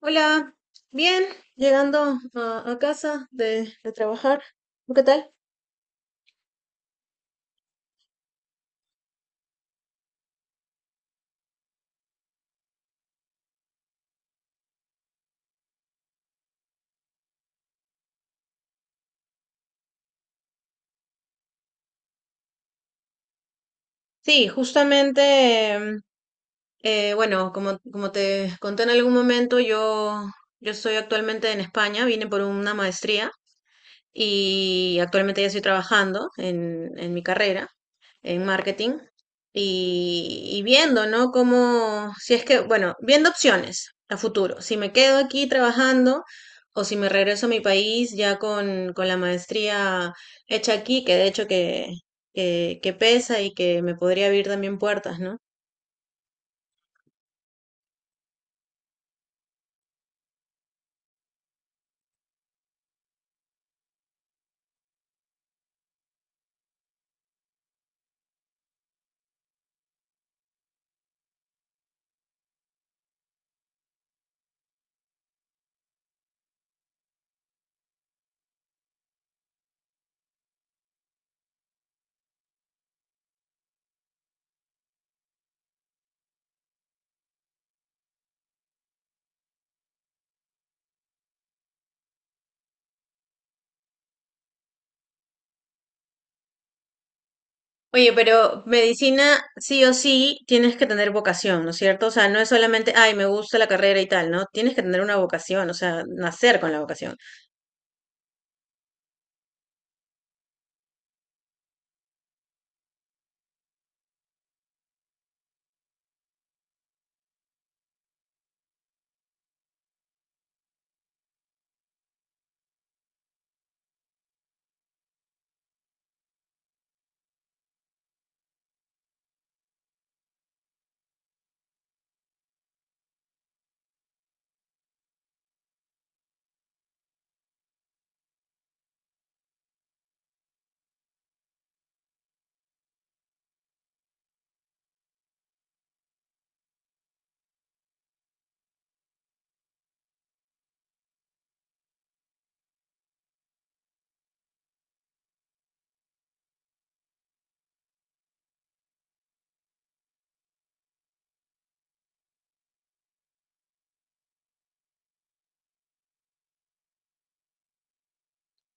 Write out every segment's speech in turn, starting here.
Hola, bien, llegando a casa de trabajar. ¿Tú qué tal? Sí, justamente, em, bueno, como te conté en algún momento, yo estoy actualmente en España, vine por una maestría y actualmente ya estoy trabajando en mi carrera en marketing y viendo, ¿no? Cómo, si es que, bueno, viendo opciones a futuro, si me quedo aquí trabajando o si me regreso a mi país ya con la maestría hecha aquí, que de hecho que pesa y que me podría abrir también puertas, ¿no? Oye, pero medicina sí o sí tienes que tener vocación, ¿no es cierto? O sea, no es solamente, ay, me gusta la carrera y tal, ¿no? Tienes que tener una vocación, o sea, nacer con la vocación.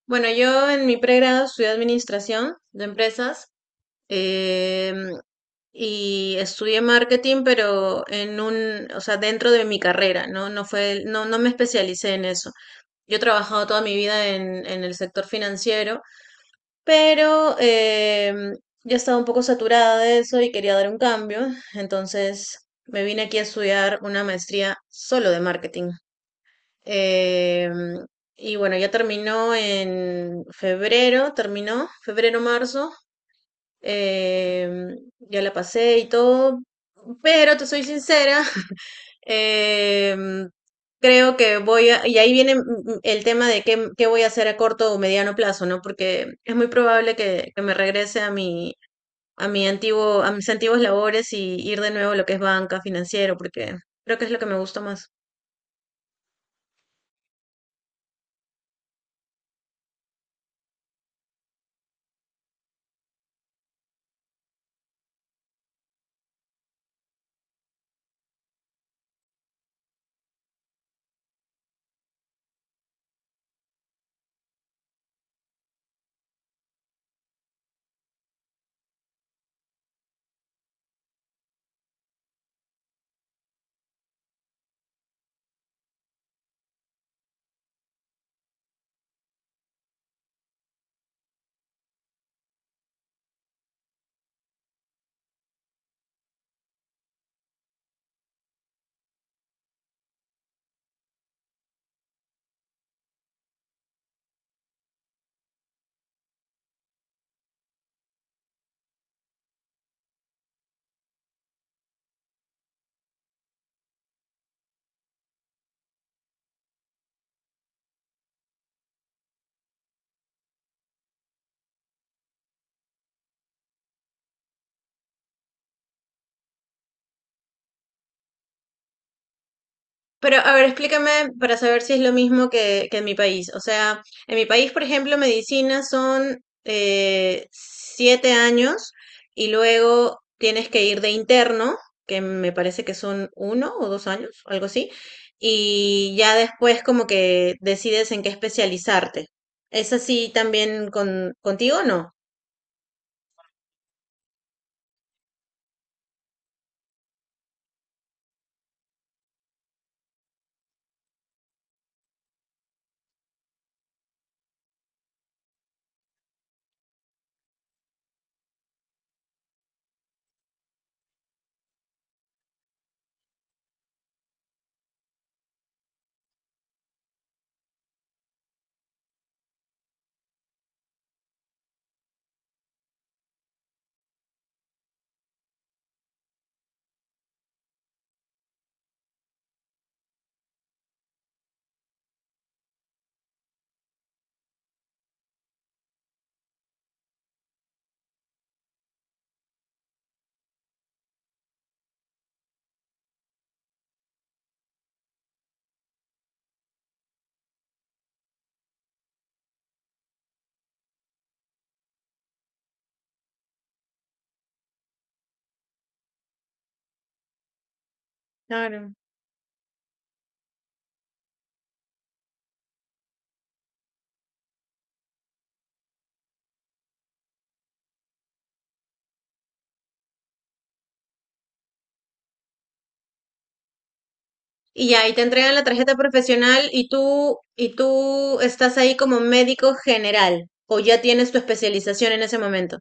Bueno, yo en mi pregrado estudié administración de empresas em, y estudié marketing, pero o sea, dentro de mi carrera, ¿no? No fue, no me especialicé en eso. Yo he trabajado toda mi vida en el sector financiero. Pero ya estaba un poco saturada de eso y quería dar un cambio, entonces me vine aquí a estudiar una maestría solo de marketing. Em, y bueno, ya terminó en febrero, terminó, febrero-marzo, ya la pasé y todo, pero te soy sincera. Em, Creo que y ahí viene el tema de qué voy a hacer a corto o mediano plazo, ¿no? Porque es muy probable que me regrese a mis antiguos labores y ir de nuevo a lo que es banca, financiero, porque creo que es lo que me gusta más. Pero, a ver, explícame para saber si es lo mismo que en mi país. O sea, en mi país, por ejemplo, medicina son 7 años y luego tienes que ir de interno, que me parece que son 1 o 2 años, algo así, y ya después como que decides en qué especializarte. ¿Es así también contigo o no? Y ya, ahí te entregan la tarjeta profesional y tú estás ahí como médico general o ya tienes tu especialización en ese momento.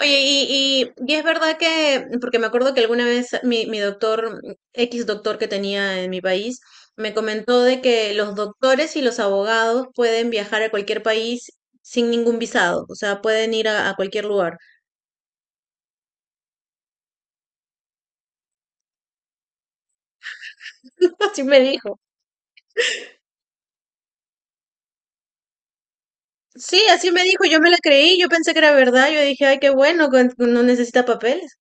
Oye, y es verdad que, porque me acuerdo que alguna vez mi doctor, X doctor que tenía en mi país, me comentó de que los doctores y los abogados pueden viajar a cualquier país sin ningún visado, o sea, pueden ir a cualquier lugar. Así me dijo. Sí, así me dijo, yo me la creí, yo pensé que era verdad, yo dije, ay, qué bueno, no necesita papeles.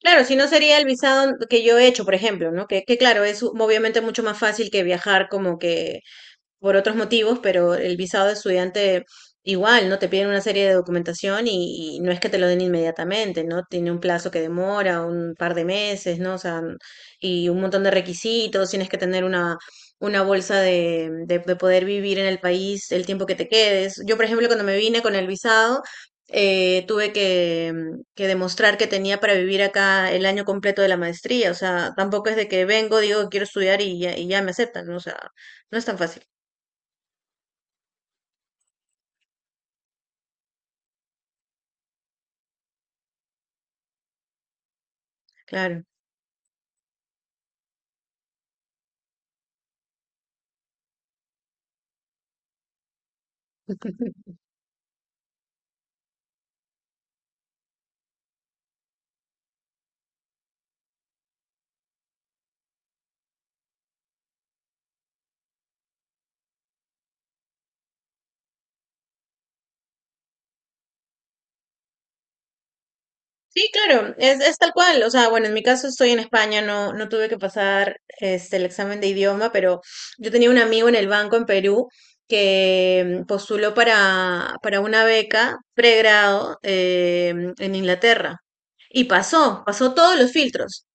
Claro, si no sería el visado que yo he hecho, por ejemplo, ¿no? Que claro, es obviamente mucho más fácil que viajar como que por otros motivos, pero el visado de estudiante igual, ¿no? Te piden una serie de documentación y no es que te lo den inmediatamente, ¿no? Tiene un plazo que demora, un par de meses, ¿no? O sea, y un montón de requisitos, tienes que tener una bolsa de poder vivir en el país el tiempo que te quedes. Yo, por ejemplo, cuando me vine con el visado, tuve que demostrar que tenía para vivir acá el año completo de la maestría, o sea, tampoco es de que vengo, digo, quiero estudiar y ya me aceptan, ¿no? O sea, no es tan fácil. Claro. Sí, claro, es tal cual. O sea, bueno, en mi caso estoy en España, no tuve que pasar el examen de idioma, pero yo tenía un amigo en el banco en Perú que postuló para una beca pregrado en Inglaterra y pasó todos los filtros.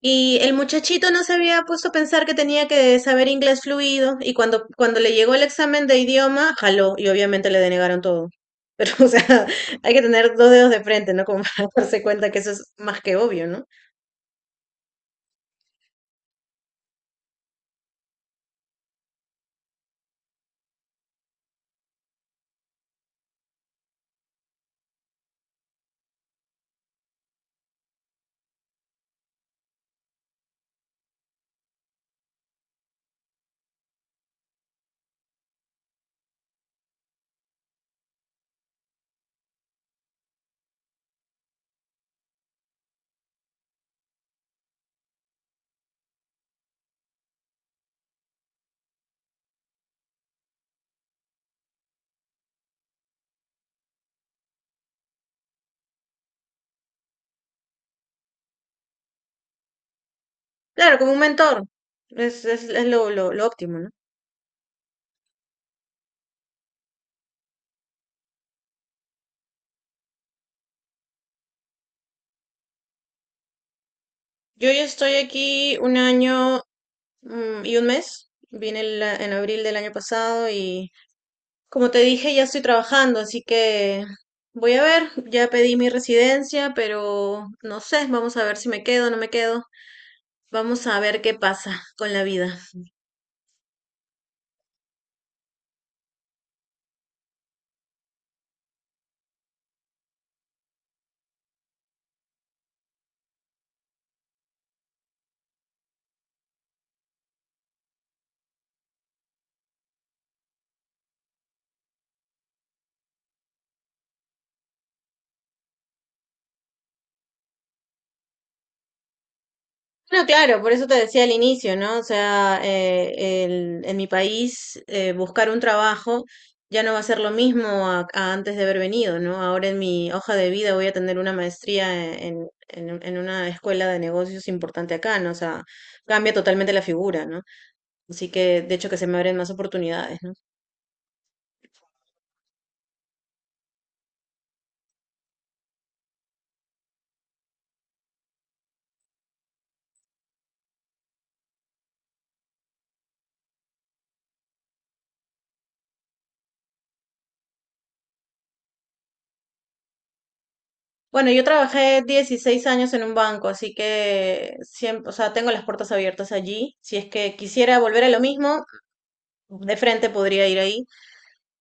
Y el muchachito no se había puesto a pensar que tenía que saber inglés fluido y cuando le llegó el examen de idioma, jaló y obviamente le denegaron todo. Pero, o sea, hay que tener dos dedos de frente, ¿no? Como darse cuenta que eso es más que obvio, ¿no? Claro, como un mentor, es lo óptimo, ¿no? Yo ya estoy aquí un año y un mes, vine en abril del año pasado y como te dije, ya estoy trabajando, así que voy a ver, ya pedí mi residencia, pero no sé, vamos a ver si me quedo o no me quedo, vamos a ver qué pasa con la vida. No, claro, por eso te decía al inicio, ¿no? O sea, en mi país buscar un trabajo ya no va a ser lo mismo a antes de haber venido, ¿no? Ahora en mi hoja de vida voy a tener una maestría en una escuela de negocios importante acá, ¿no? O sea, cambia totalmente la figura, ¿no? Así que, de hecho, que se me abren más oportunidades, ¿no? Bueno, yo trabajé 16 años en un banco, así que siempre, o sea, tengo las puertas abiertas allí. Si es que quisiera volver a lo mismo, de frente podría ir ahí.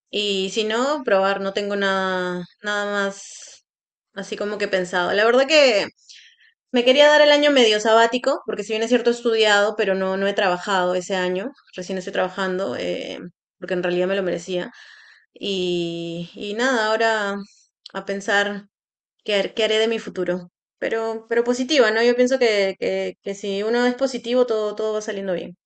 Y si no, probar, no tengo nada, nada más así como que pensado. La verdad que me quería dar el año medio sabático, porque si bien es cierto he estudiado, pero no he trabajado ese año, recién estoy trabajando, porque en realidad me lo merecía. Y nada, ahora a pensar qué haré de mi futuro. Pero positiva, ¿no? Yo pienso que si uno es positivo, todo va saliendo bien.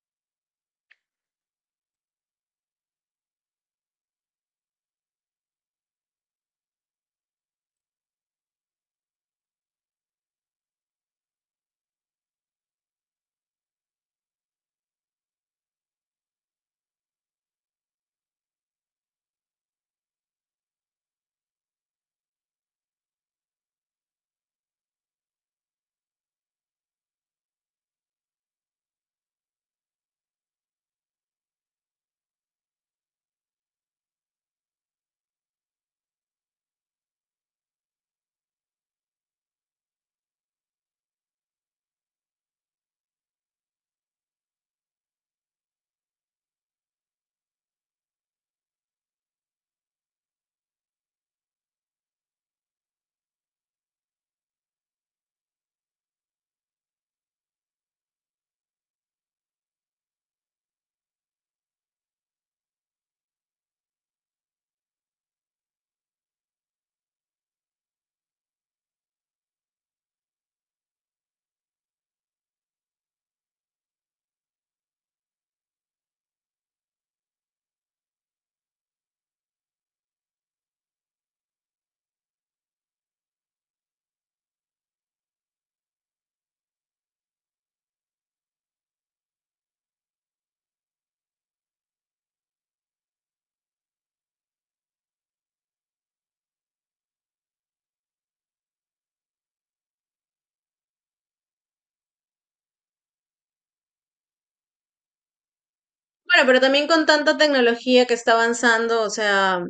Bueno, pero también con tanta tecnología que está avanzando, o sea,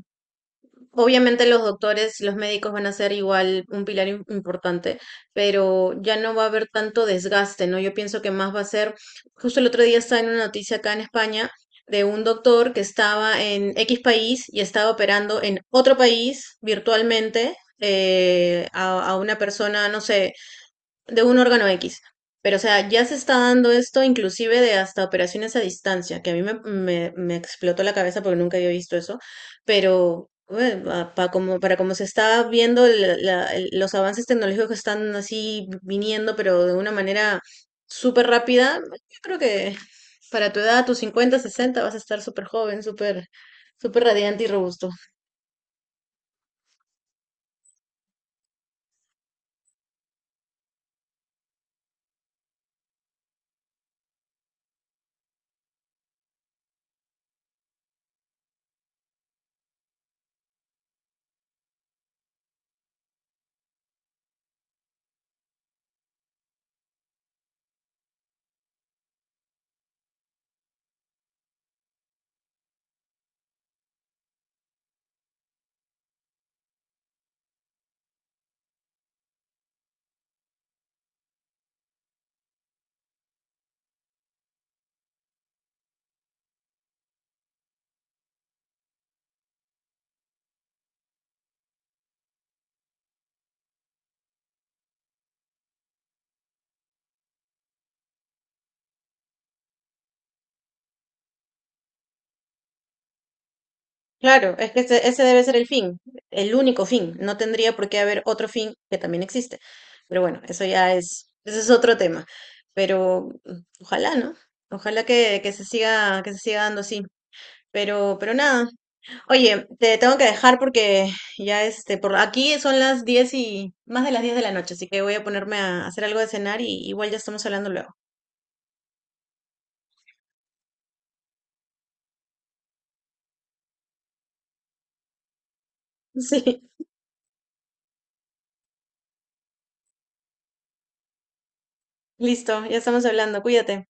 obviamente los doctores, los médicos van a ser igual un pilar importante, pero ya no va a haber tanto desgaste, ¿no? Yo pienso que más va a ser, justo el otro día estaba en una noticia acá en España de un doctor que estaba en X país y estaba operando en otro país virtualmente a una persona, no sé, de un órgano X. Pero, o sea, ya se está dando esto inclusive de hasta operaciones a distancia, que a mí me explotó la cabeza porque nunca había visto eso, pero para como se está viendo los avances tecnológicos que están así viniendo, pero de una manera súper rápida, yo creo que para tu edad, tus 50 60 vas a estar súper joven, súper, súper radiante y robusto. Claro, es que ese debe ser el fin, el único fin. No tendría por qué haber otro fin que también existe. Pero bueno, ese es otro tema. Pero ojalá, ¿no? Ojalá que se siga dando así. Pero nada. Oye, te tengo que dejar porque ya este, por aquí son las 10 y más de las 10 de la noche, así que voy a ponerme a hacer algo de cenar y igual ya estamos hablando luego. Sí, listo, ya estamos hablando. Cuídate.